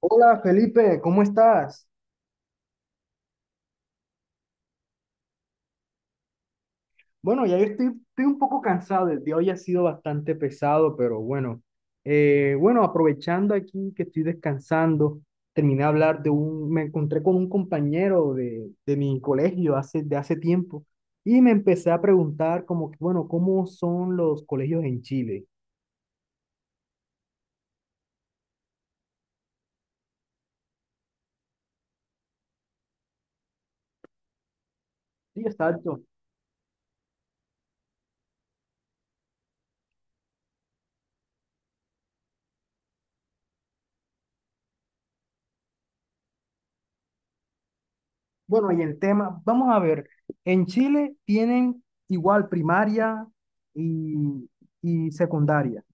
Hola Felipe, ¿cómo estás? Bueno, ya yo estoy un poco cansado, el día hoy ha sido bastante pesado, pero bueno. Bueno, aprovechando aquí que estoy descansando, terminé de hablar me encontré con un compañero de mi colegio de hace tiempo, y me empecé a preguntar como que, bueno, ¿cómo son los colegios en Chile? Sí, exacto. Bueno, y el tema, vamos a ver, en Chile tienen igual primaria y, y secundaria.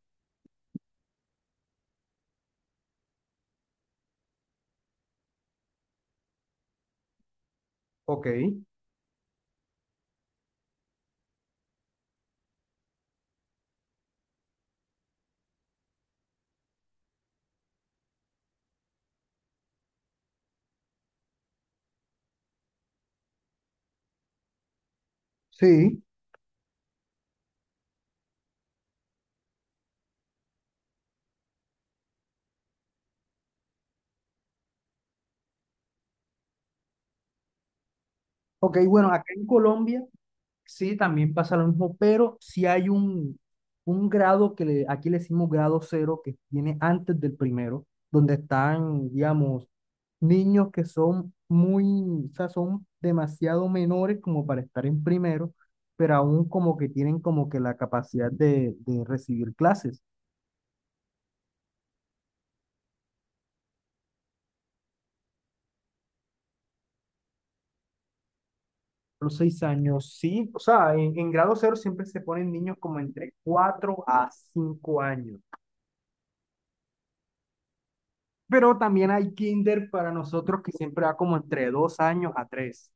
Ok. Sí, ok, bueno, acá en Colombia sí también pasa lo mismo, pero sí hay un grado aquí le decimos grado cero, que viene antes del primero, donde están, digamos, niños que son muy, o sea, son demasiado menores como para estar en primero, pero aún como que tienen como que la capacidad de recibir clases. Los 6 años, sí, o sea, en grado cero siempre se ponen niños como entre 4 a 5 años. Pero también hay kinder para nosotros que siempre va como entre 2 años a 3.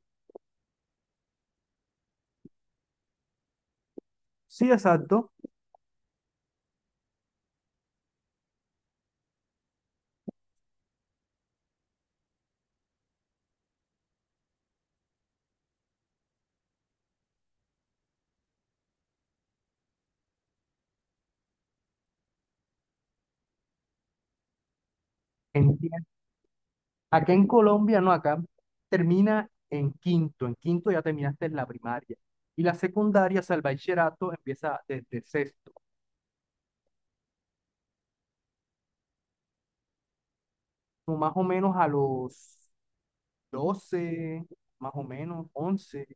Sí, exacto. En- Acá en Colombia, no, acá termina en quinto. En quinto ya terminaste la primaria. Y la secundaria, o sea, el bachillerato empieza desde sexto, como más o menos a los 12, más o menos 11.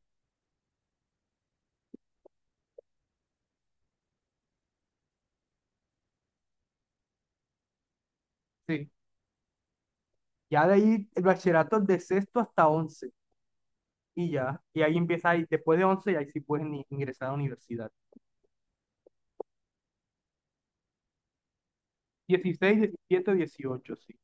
Sí. Ya de ahí el bachillerato es de sexto hasta once. Y ya, y ahí empieza, ahí, después de once, y ahí sí puedes ingresar a la universidad. 16, 17, 18 sí.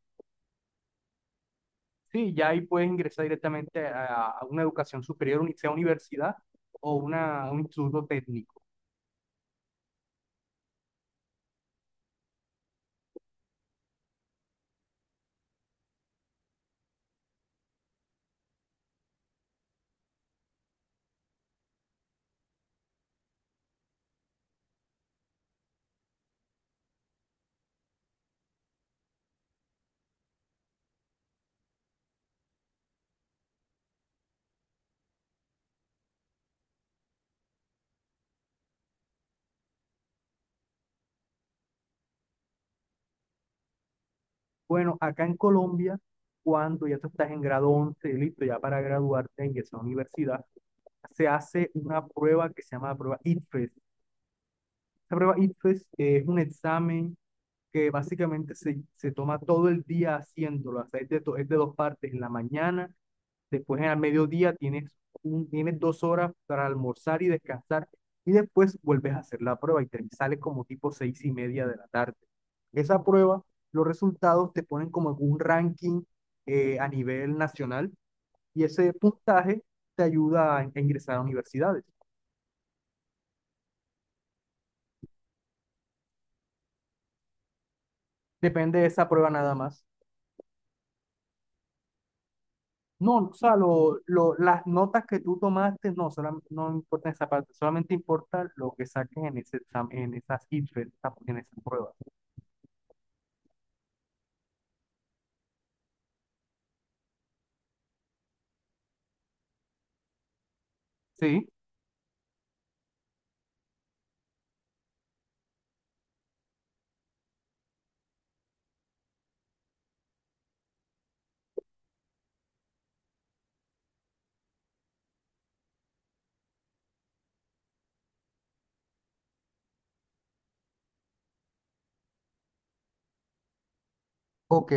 Sí, ya ahí puedes ingresar directamente a una educación superior, sea universidad o un instituto técnico. Bueno, acá en Colombia, cuando ya tú estás en grado 11, listo, ya para graduarte, ingresar a la universidad, se hace una prueba que se llama la prueba ITFES. Esta prueba ITFES es un examen que básicamente se toma todo el día haciéndolo, o sea, es es de dos partes, en la mañana. Después, al mediodía, tienes 2 horas para almorzar y descansar. Y después vuelves a hacer la prueba y te sale como tipo 6:30 de la tarde. Esa prueba, los resultados te ponen como en un ranking, a nivel nacional, y ese puntaje te ayuda a ingresar a universidades. Depende de esa prueba nada más. No, o sea, las notas que tú tomaste, no, no importa esa parte, solamente importa lo que saques en en esas ITFES, en esas pruebas. Sí. Ok.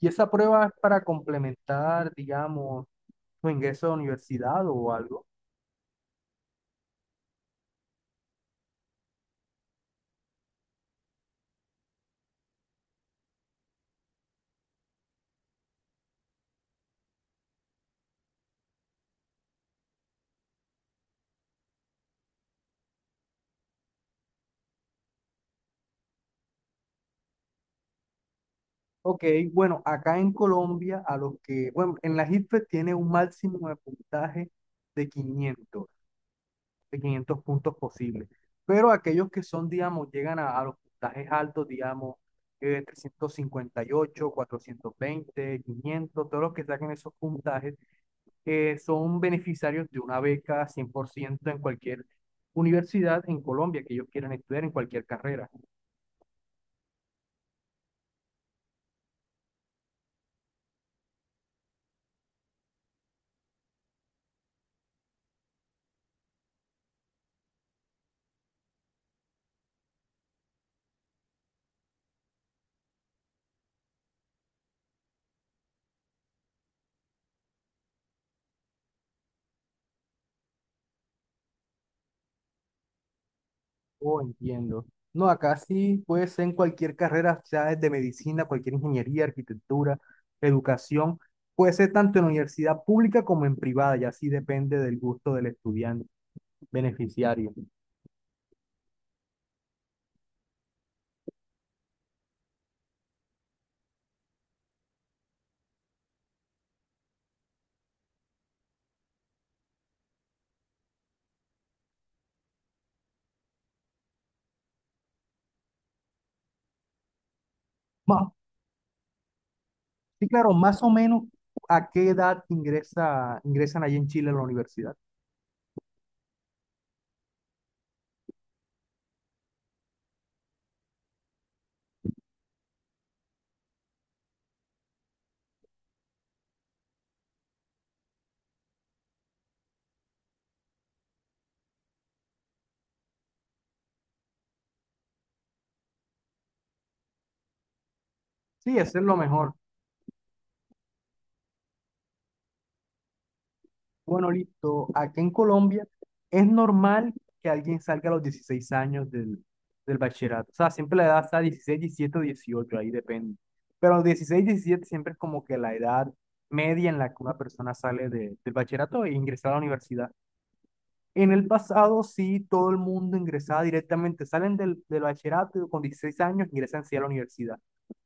¿Y esa prueba es para complementar, digamos, tu ingreso a la universidad o algo? Ok, bueno, acá en Colombia, a los que, bueno, en la ICFES tiene un máximo de puntaje de 500, de 500 puntos posibles. Pero aquellos que son, digamos, llegan a los puntajes altos, digamos, 358, 420, 500. Todos los que saquen esos puntajes son beneficiarios de una beca 100% en cualquier universidad en Colombia que ellos quieran estudiar en cualquier carrera. Oh, entiendo. No, acá sí puede ser en cualquier carrera, sea desde medicina, cualquier ingeniería, arquitectura, educación. Puede ser tanto en universidad pública como en privada, y así depende del gusto del estudiante beneficiario. Ma- sí, claro, más o menos a qué edad ingresan allí en Chile a la universidad. Sí, eso es lo mejor. Bueno, listo. Aquí en Colombia es normal que alguien salga a los 16 años del bachillerato. O sea, siempre la edad está 16, 17 o 18, ahí depende. Pero los 16, 17 siempre es como que la edad media en la que una persona sale del bachillerato e ingresa a la universidad. En el pasado sí, todo el mundo ingresaba directamente, salen del bachillerato y con 16 años, ingresan sí a la universidad.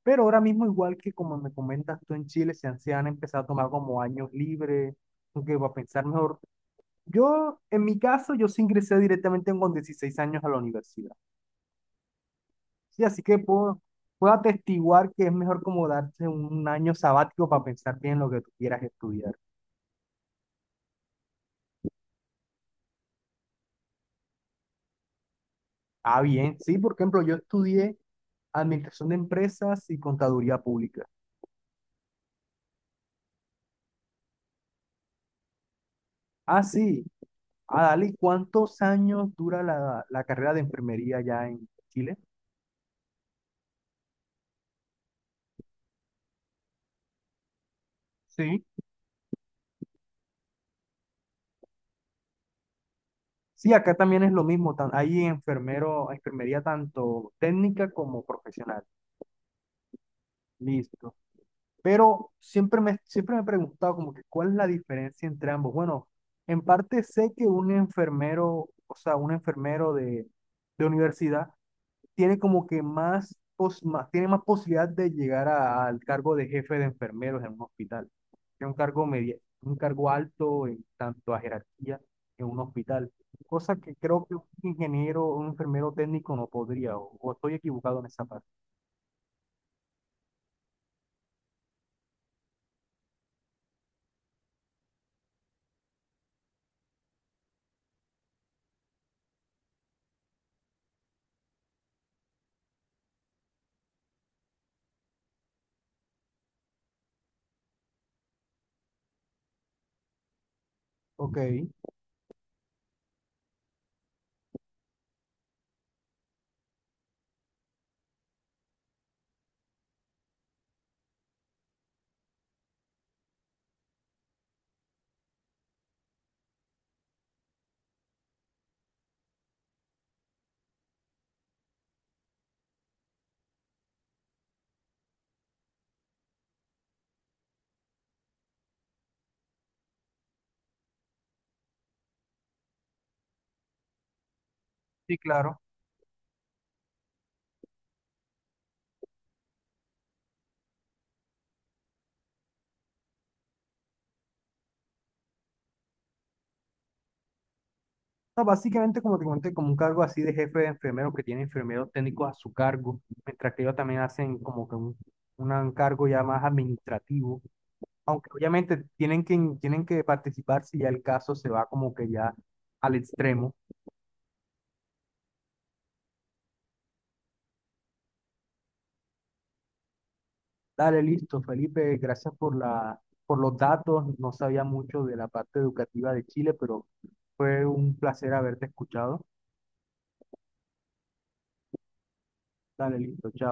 Pero ahora mismo, igual que como me comentas tú en Chile, se han empezado a tomar como años libres, que va a pensar mejor. Yo, en mi caso, yo sí ingresé directamente con 16 años a la universidad. Sí, así que puedo atestiguar que es mejor como darse un año sabático para pensar bien lo que tú quieras estudiar. Ah, bien, sí, por ejemplo, yo estudié administración de empresas y contaduría pública. Ah, sí, ah, dale, ¿y cuántos años dura la carrera de enfermería allá en Chile? Sí. Sí, acá también es lo mismo. Hay enfermero, enfermería tanto técnica como profesional. Listo. Pero siempre me he preguntado como que cuál es la diferencia entre ambos. Bueno, en parte sé que un enfermero, o sea, un enfermero de universidad tiene como que más, tiene más posibilidad de llegar al cargo de jefe de enfermeros en un hospital. Que un cargo media, un cargo alto en tanto a jerarquía en un hospital. Cosa que creo que un ingeniero o un enfermero técnico no podría, o estoy equivocado en esa parte. Ok, sí, claro. No, básicamente, como te comenté, como un cargo así de jefe de enfermeros que tiene enfermeros técnicos a su cargo, mientras que ellos también hacen como que un cargo ya más administrativo, aunque obviamente tienen que participar si ya el caso se va como que ya al extremo. Dale, listo, Felipe, gracias por por los datos. No sabía mucho de la parte educativa de Chile, pero fue un placer haberte escuchado. Dale, listo, chao.